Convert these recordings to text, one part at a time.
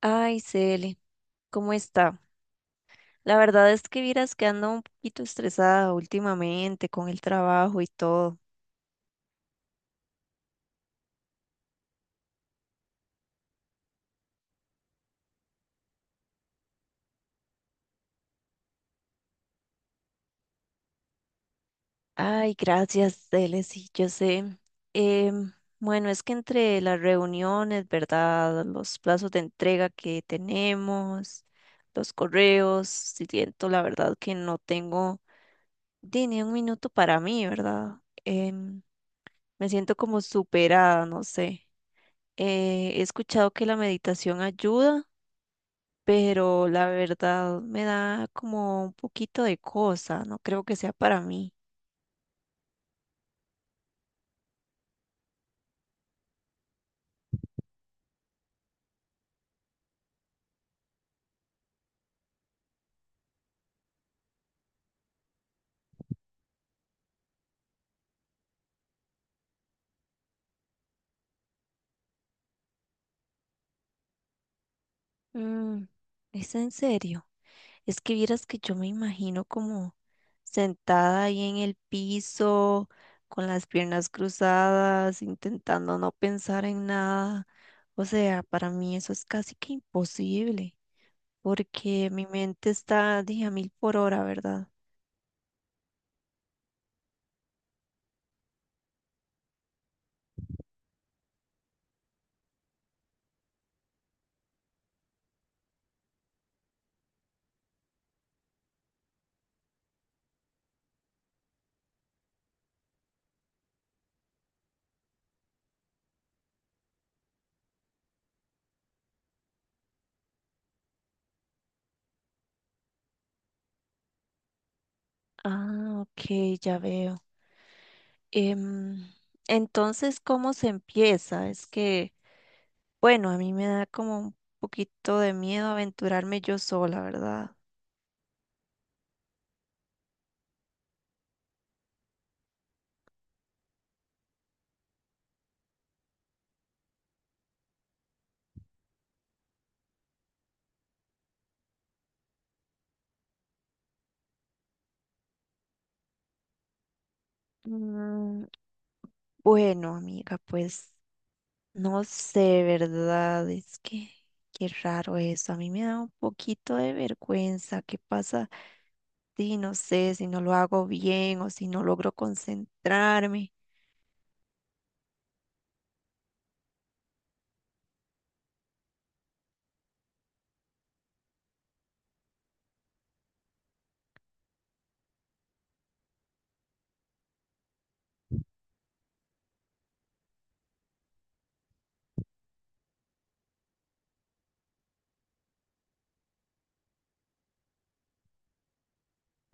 Ay, Cele, ¿cómo está? La verdad es que vieras que ando un poquito estresada últimamente con el trabajo y todo. Ay, gracias, Cele, sí, yo sé. Em, bueno, es que entre las reuniones, ¿verdad? Los plazos de entrega que tenemos, los correos, siento la verdad que no tengo ni un minuto para mí, ¿verdad? Em, Me siento como superada, no sé. He escuchado que la meditación ayuda, pero la verdad me da como un poquito de cosa, no creo que sea para mí. Mm, ¿Es en serio? Es que vieras que yo me imagino como sentada ahí en el piso, con las piernas cruzadas, intentando no pensar en nada. O sea, para mí eso es casi que imposible, porque mi mente está, dije, a mil por hora, ¿verdad? Ah, ok, ya veo. Em, entonces, ¿cómo se empieza? Es que, bueno, a mí me da como un poquito de miedo aventurarme yo sola, ¿verdad? Mm, bueno, amiga, pues. No sé, ¿verdad? Es que qué raro eso. A mí me da un poquito de vergüenza. ¿Qué pasa? Sí, no sé si no lo hago bien o si no logro concentrarme.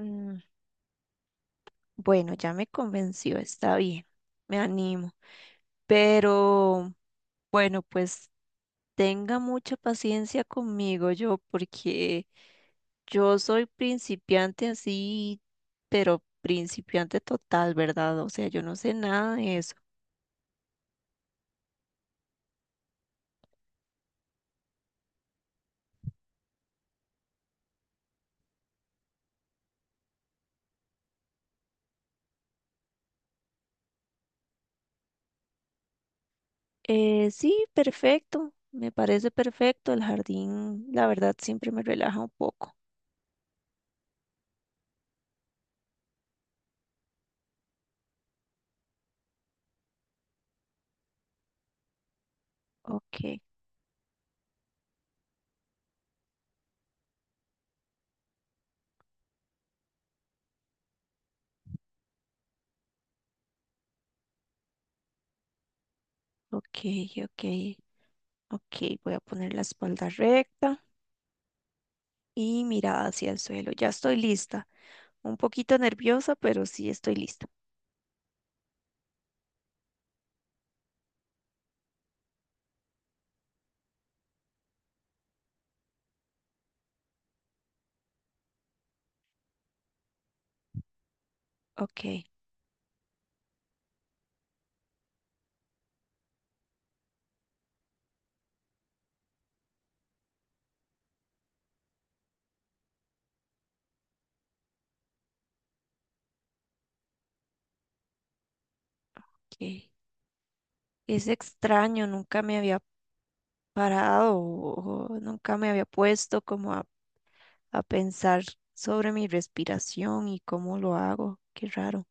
Mm, bueno, ya me convenció, está bien, me animo. Pero bueno, pues tenga mucha paciencia conmigo yo, porque yo soy principiante así, pero principiante total, ¿verdad? O sea, yo no sé nada de eso. Sí, perfecto. Me parece perfecto. El jardín, la verdad, siempre me relaja un poco. Ok, ok, ok, ok. Voy a poner la espalda recta y mirada hacia el suelo. Ya estoy lista. Un poquito nerviosa, pero sí estoy lista. Ok, ok. Es extraño, nunca me había parado o nunca me había puesto como a pensar sobre mi respiración y cómo lo hago. Qué raro.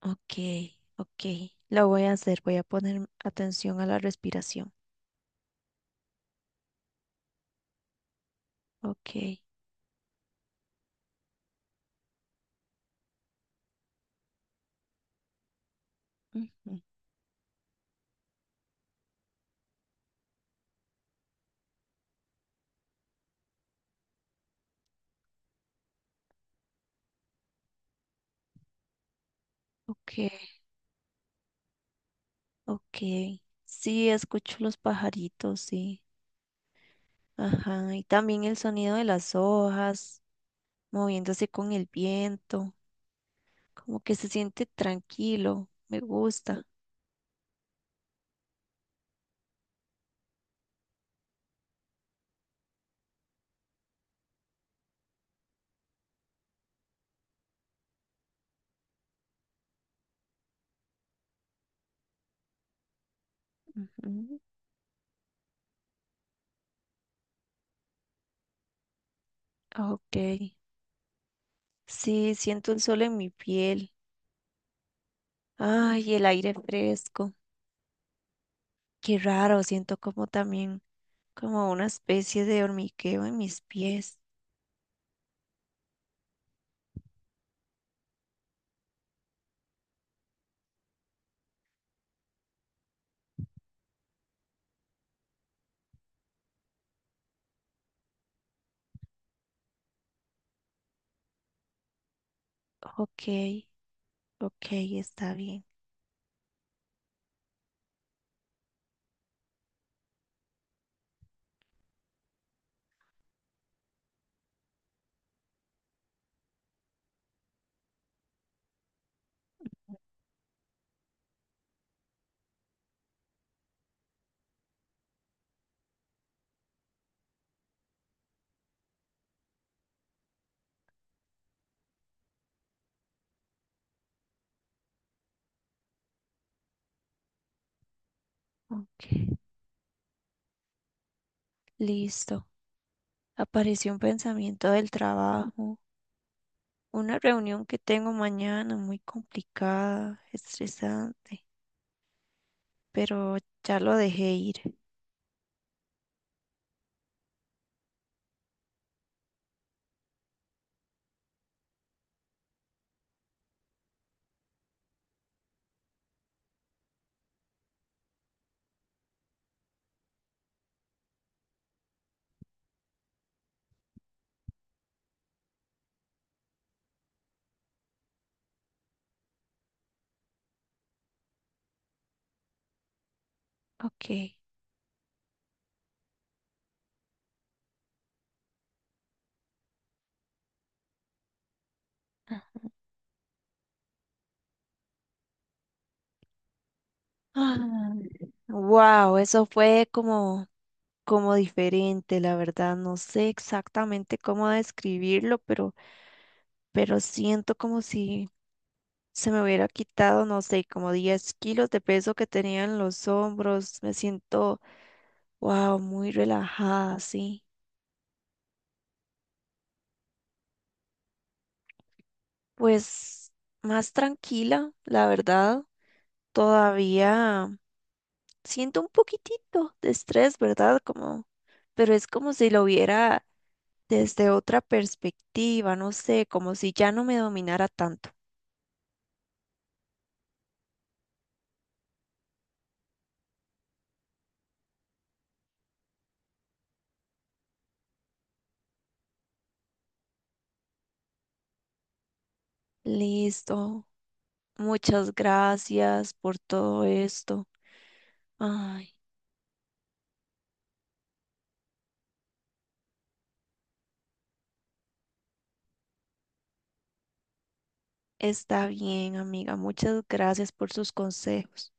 Ok, ok. Lo voy a hacer, voy a poner atención a la respiración. Ok, ujú, ok, ok. Sí, escucho los pajaritos, sí. Ajá, y también el sonido de las hojas moviéndose con el viento. Como que se siente tranquilo. Me gusta. Ujú, ok. Sí, siento el sol en mi piel. Ay, el aire fresco. Qué raro, siento como también, como una especie de hormigueo en mis pies. Ok, ok, está bien. Ok, listo. Apareció un pensamiento del trabajo, una reunión que tengo mañana muy complicada, estresante, pero ya lo dejé ir. Ok. Wow, eso fue como diferente, la verdad. No sé exactamente cómo describirlo, pero siento como si se me hubiera quitado, no sé, como 10 kilos de peso que tenía en los hombros. Me siento, wow, muy relajada, sí. Pues más tranquila, la verdad. Todavía siento un poquitito de estrés, ¿verdad? Como, pero es como si lo viera desde otra perspectiva, no sé, como si ya no me dominara tanto. Listo. Muchas gracias por todo esto. Ay. Está bien, amiga. Muchas gracias por sus consejos.